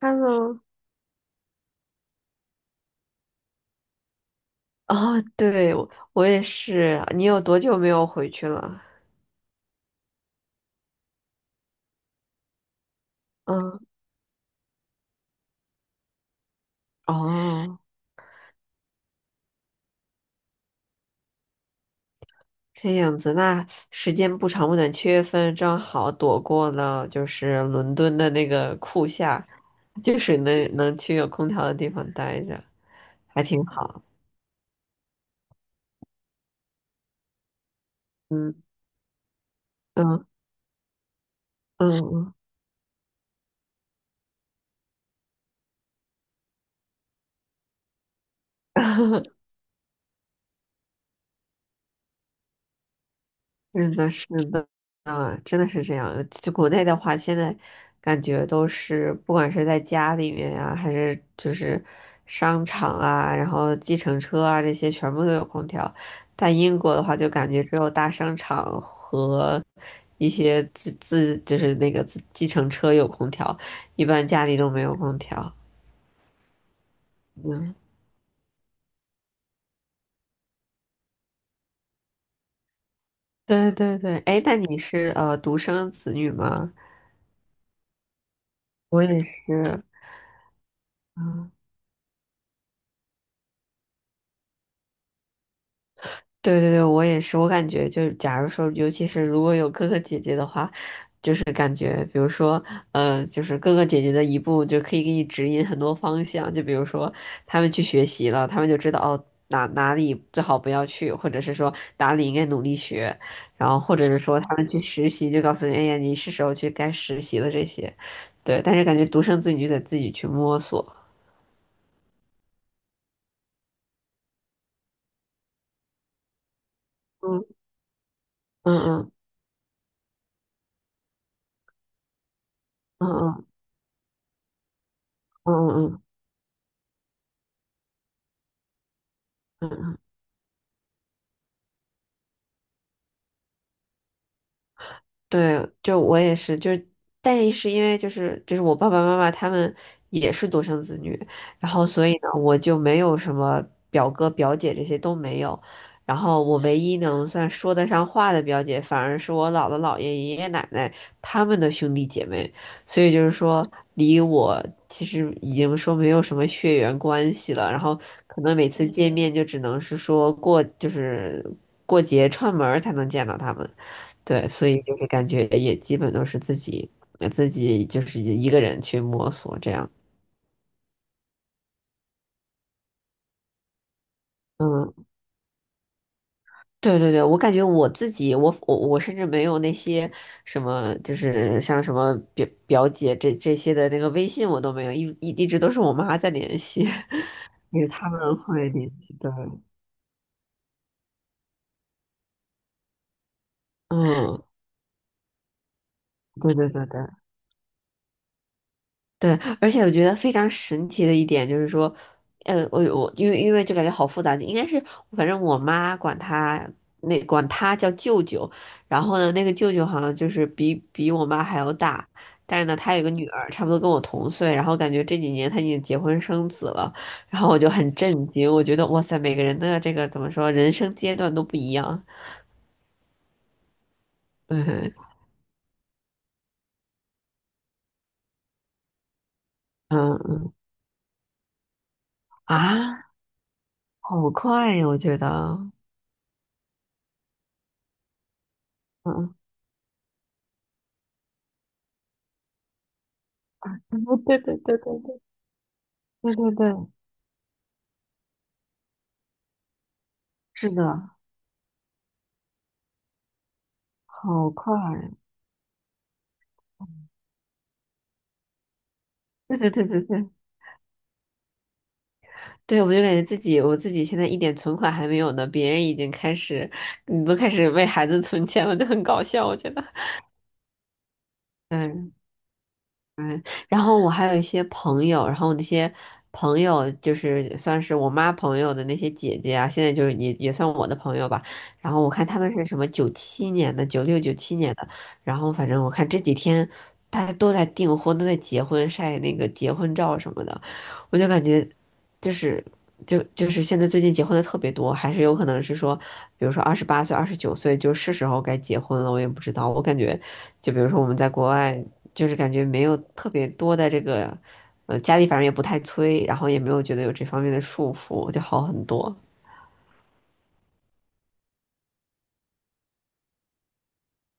h e 哦，对，我也是。你有多久没有回去了？嗯，哦，这样子，那时间不长不短，七月份正好躲过了就是伦敦的那个酷夏，就是能去有空调的地方待着，还挺好。嗯嗯嗯嗯，是的，是的，啊，真的是这样。就国内的话，现在感觉都是，不管是在家里面呀、还是就是商场啊，然后计程车啊，这些全部都有空调。但英国的话，就感觉只有大商场和一些就是那个计程车有空调，一般家里都没有空调。对对对，哎，那你是独生子女吗？我也是，嗯对对对，我也是，我感觉就是，假如说，尤其是如果有哥哥姐姐的话，就是感觉，比如说，就是哥哥姐姐的一步就可以给你指引很多方向，就比如说他们去学习了，他们就知道哦哪里最好不要去，或者是说哪里应该努力学，然后或者是说他们去实习，就告诉你，哎呀，你是时候去该实习了这些，对，但是感觉独生子女就得自己去摸索，嗯嗯嗯嗯嗯嗯嗯嗯。嗯嗯对，就我也是，就是，但是因为就是我爸爸妈妈他们也是独生子女，然后所以呢，我就没有什么表哥表姐这些都没有，然后我唯一能算说得上话的表姐，反而是我姥姥姥爷爷爷奶奶他们的兄弟姐妹，所以就是说离我其实已经说没有什么血缘关系了，然后可能每次见面就只能是说过就是过节串门儿才能见到他们。对，所以就是感觉也基本都是自己自己就是一个人去摸索这样。嗯，对对对，我感觉我自己，我甚至没有那些什么，就是像什么表姐这些的那个微信我都没有，一直都是我妈在联系，因为他们会联系的。嗯，对对对对。对，而且我觉得非常神奇的一点就是说，我因为就感觉好复杂，应该是反正我妈管他管他叫舅舅，然后呢，那个舅舅好像就是比我妈还要大，但是呢，他有个女儿，差不多跟我同岁，然后感觉这几年他已经结婚生子了，然后我就很震惊，我觉得哇塞，每个人的这个怎么说，人生阶段都不一样，嗯嗯啊，好快呀，我觉得，嗯，对对对对对对对对。是的，好快！对对对对对，对我就感觉自己，我自己现在一点存款还没有呢，别人已经开始，你都开始为孩子存钱了，就很搞笑，我觉得。嗯。嗯，然后我还有一些朋友，然后那些朋友就是算是我妈朋友的那些姐姐啊，现在就是也算我的朋友吧。然后我看他们是什么九七年的、九六、九七年的，然后反正我看这几天大家都在订婚，都在结婚，晒那个结婚照什么的，我就感觉就是就是现在最近结婚的特别多，还是有可能是说，比如说28岁、29岁就是时候该结婚了，我也不知道。我感觉就比如说我们在国外。就是感觉没有特别多的这个，呃，家里反正也不太催，然后也没有觉得有这方面的束缚，就好很多。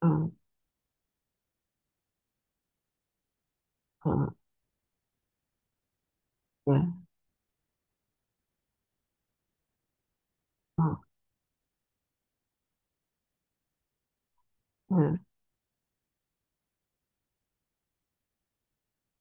嗯嗯，对，嗯嗯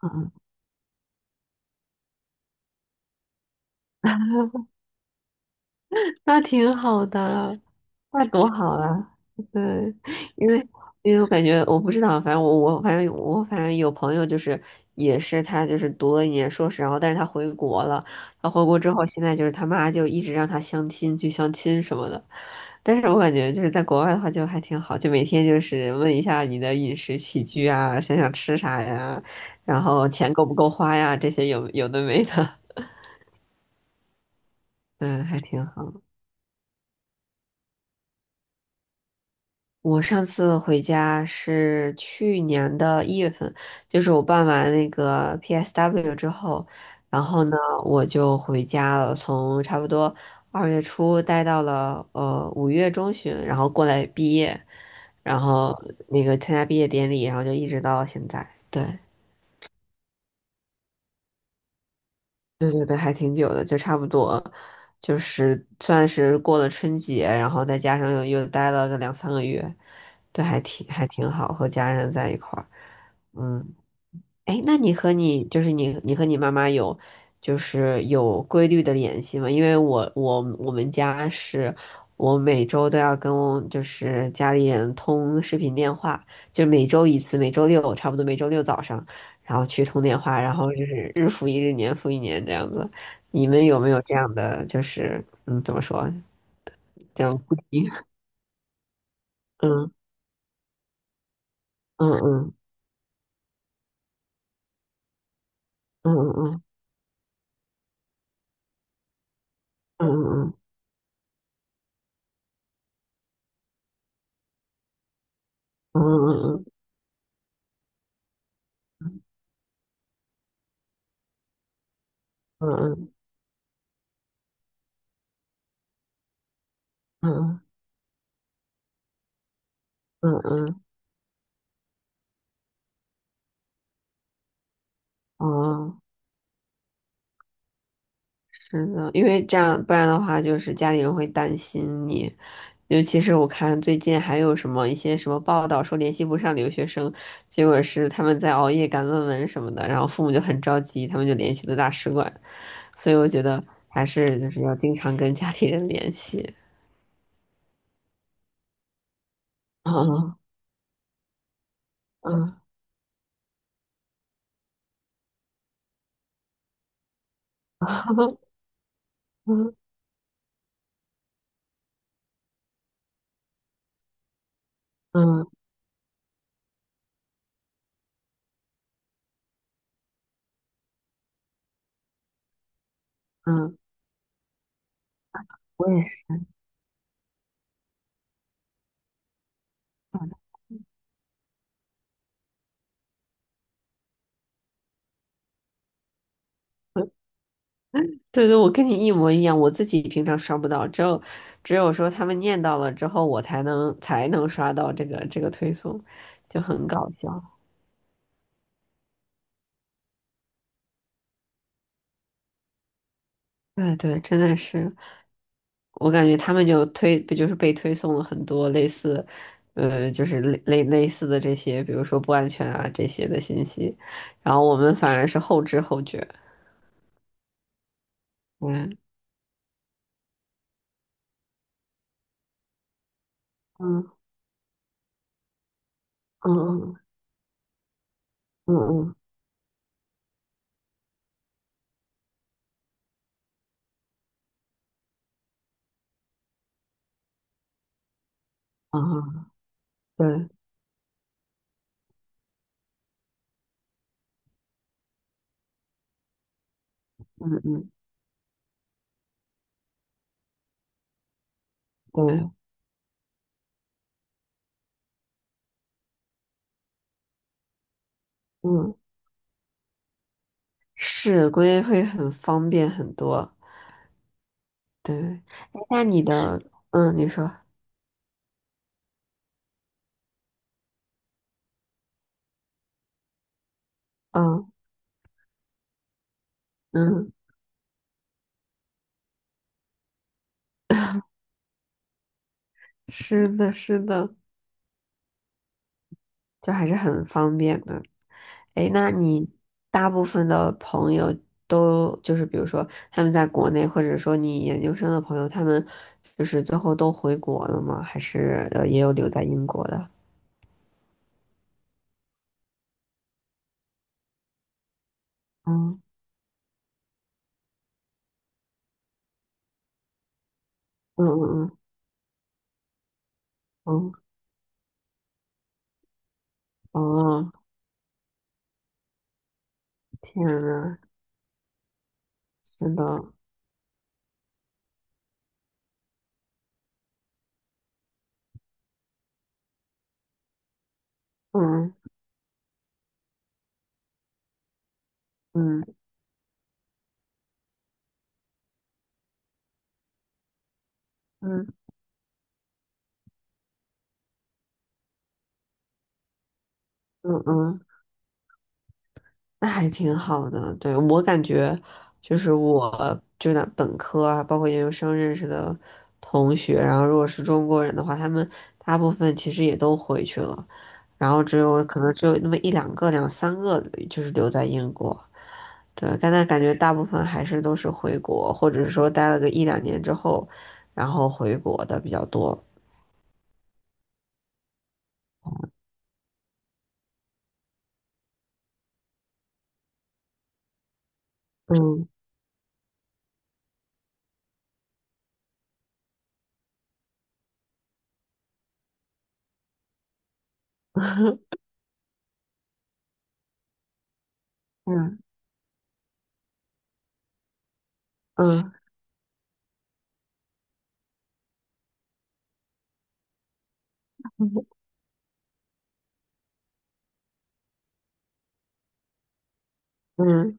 嗯，嗯那挺好的。那多好啊！对，因为因为我感觉我不知道，反正我有朋友就是也是他就是读了一年硕士，然后但是他回国了，他回国之后现在就是他妈就一直让他相亲去相亲什么的，但是我感觉就是在国外的话就还挺好，就每天就是问一下你的饮食起居啊，想想吃啥呀，然后钱够不够花呀，这些有的没的，嗯，还挺好。我上次回家是去年的1月份，就是我办完那个 PSW 之后，然后呢，我就回家了，从差不多2月初待到了5月中旬，然后过来毕业，然后那个参加毕业典礼，然后就一直到现在。对，对对对，还挺久的，就差不多，就是算是过了春节，然后再加上又待了个2、3个月，对，还挺好，和家人在一块儿，嗯。哎，那你和你就是你和你妈妈有就是有规律的联系吗？因为我们家是我每周都要跟就是家里人通视频电话，就每周一次，每周六差不多每周六早上，然后去通电话，然后就是日复一日，年复一年这样子。你们有没有这样的就是嗯怎么说这样固定？嗯嗯嗯嗯嗯嗯嗯嗯嗯嗯嗯嗯嗯嗯嗯嗯嗯嗯嗯嗯嗯嗯嗯嗯真的，因为这样，不然的话，就是家里人会担心你。尤其是我看最近还有什么一些什么报道说联系不上留学生，结果是他们在熬夜赶论文什么的，然后父母就很着急，他们就联系了大使馆。所以我觉得还是就是要经常跟家里人联系。嗯嗯嗯嗯嗯，嗯我也是。对对，我跟你一模一样，我自己平常刷不到，只有只有说他们念到了之后，我才能刷到这个推送，就很搞笑。对对，真的是，我感觉他们就推，不就是被推送了很多类似，呃，就是类似的这些，比如说不安全啊这些的信息，然后我们反而是后知后觉。嗯嗯嗯嗯嗯嗯，嗯对，嗯嗯对，嗯，是，估计会很方便很多。对，哎，那你的，嗯，你说，嗯嗯，是的，是的，就还是很方便的。哎，那你大部分的朋友都就是，比如说他们在国内，或者说你研究生的朋友，他们就是最后都回国了吗？还是也有留在英国的？嗯嗯嗯嗯嗯，哦，天呐，真的，嗯嗯嗯嗯嗯嗯。那还挺好的。对，我感觉就是我就那本科啊，包括研究生认识的同学，然后如果是中国人的话，他们大部分其实也都回去了，然后只有可能只有那么1、2个、两三个就是留在英国。对，但那感觉大部分还是都是回国，或者是说待了个1、2年之后，然后回国的比较多。嗯 嗯嗯嗯。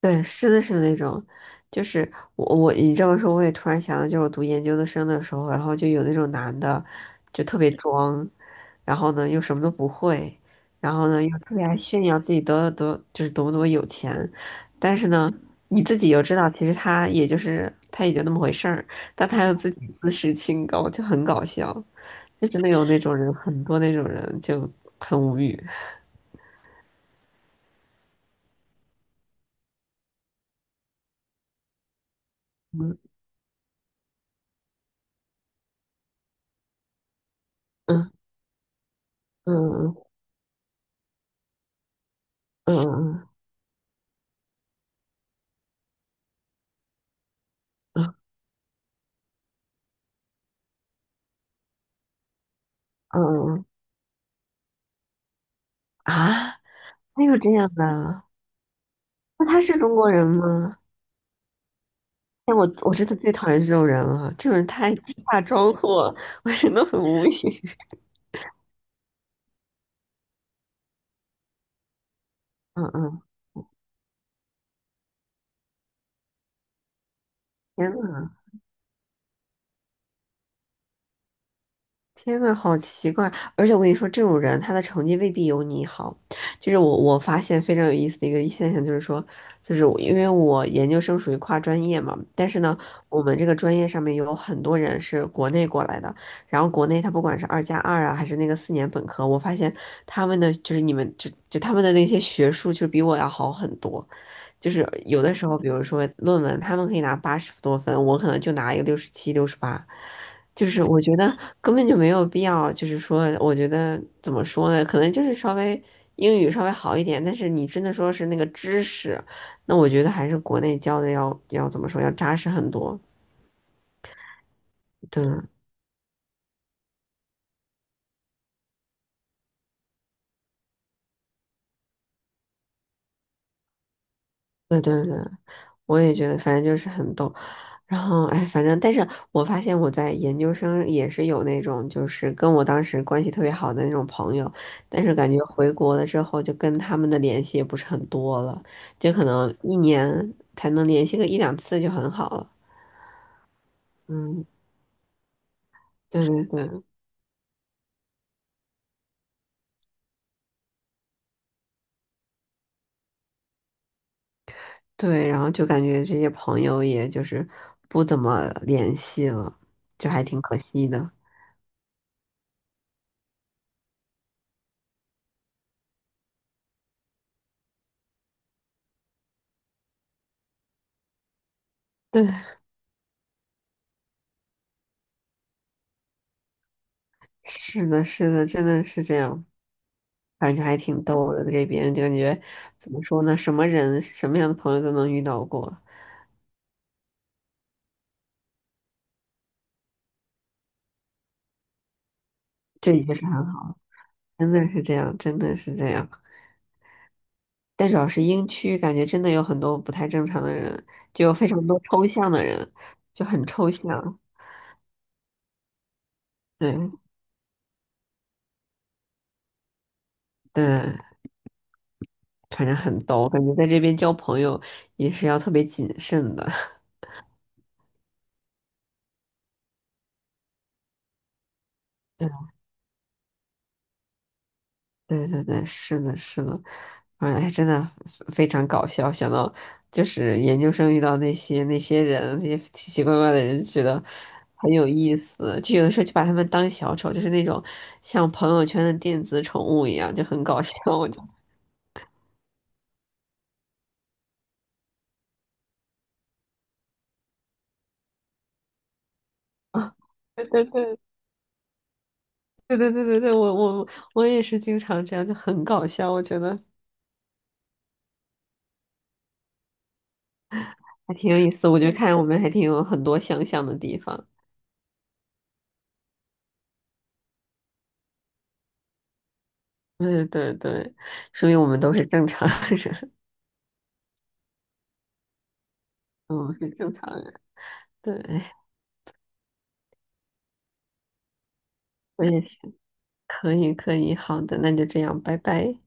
对，是的，是那种，就是我你这么说，我也突然想到，就是我读研究生的时候，然后就有那种男的，就特别装，然后呢又什么都不会，然后呢又特别爱炫耀自己就是多么多么有钱，但是呢你自己又知道，其实他也就是他也就那么回事儿，但他又自己自视清高，就很搞笑，就真的有那种人，很多那种人就很无语。嗯嗯嗯嗯嗯嗯嗯嗯嗯嗯啊！还有这样的？那他是中国人吗？但我真的最讨厌这种人了，这种人太大装货，我 我真的很无语。嗯嗯，天呐，天呐，好奇怪！而且我跟你说，这种人他的成绩未必有你好。就是我发现非常有意思的一个现象，就是说，就是因为我研究生属于跨专业嘛，但是呢，我们这个专业上面有很多人是国内过来的，然后国内他不管是2+2啊，还是那个4年本科，我发现他们的就是你们就就他们的那些学术就比我要好很多。就是有的时候，比如说论文，他们可以拿80多分，我可能就拿一个67、68。就是我觉得根本就没有必要，就是说，我觉得怎么说呢？可能就是稍微英语稍微好一点，但是你真的说是那个知识，那我觉得还是国内教的要怎么说，要扎实很多。对，对对对。我也觉得，反正就是很逗。然后，哎，反正，但是我发现我在研究生也是有那种，就是跟我当时关系特别好的那种朋友，但是感觉回国了之后，就跟他们的联系也不是很多了，就可能一年才能联系个一两次就很好了。嗯，对对对对，然后就感觉这些朋友也就是不怎么联系了，就还挺可惜的。对，是的，是的，真的是这样。反正还挺逗的，在这边就感觉怎么说呢，什么人、什么样的朋友都能遇到过，这已经是很好了，真的是这样，真的是这样。但主要是英区，感觉真的有很多不太正常的人，就有非常多抽象的人，就很抽象。对对，反正很逗，感觉在这边交朋友也是要特别谨慎的。对对对，是的，是的，哎，真的非常搞笑。想到就是研究生遇到那些人，那些奇奇怪怪的人，觉得很有意思。就有的时候就把他们当小丑，就是那种像朋友圈的电子宠物一样，就很搞笑。我就 啊，对对对对对对对对我我也是经常这样，就很搞笑。我觉得还挺有意思。我觉得看我们还挺有很多相像的地方。对对对，说明我们都是正常人，我们是正常人。对，我也是，可以可以，好的，那就这样，拜拜。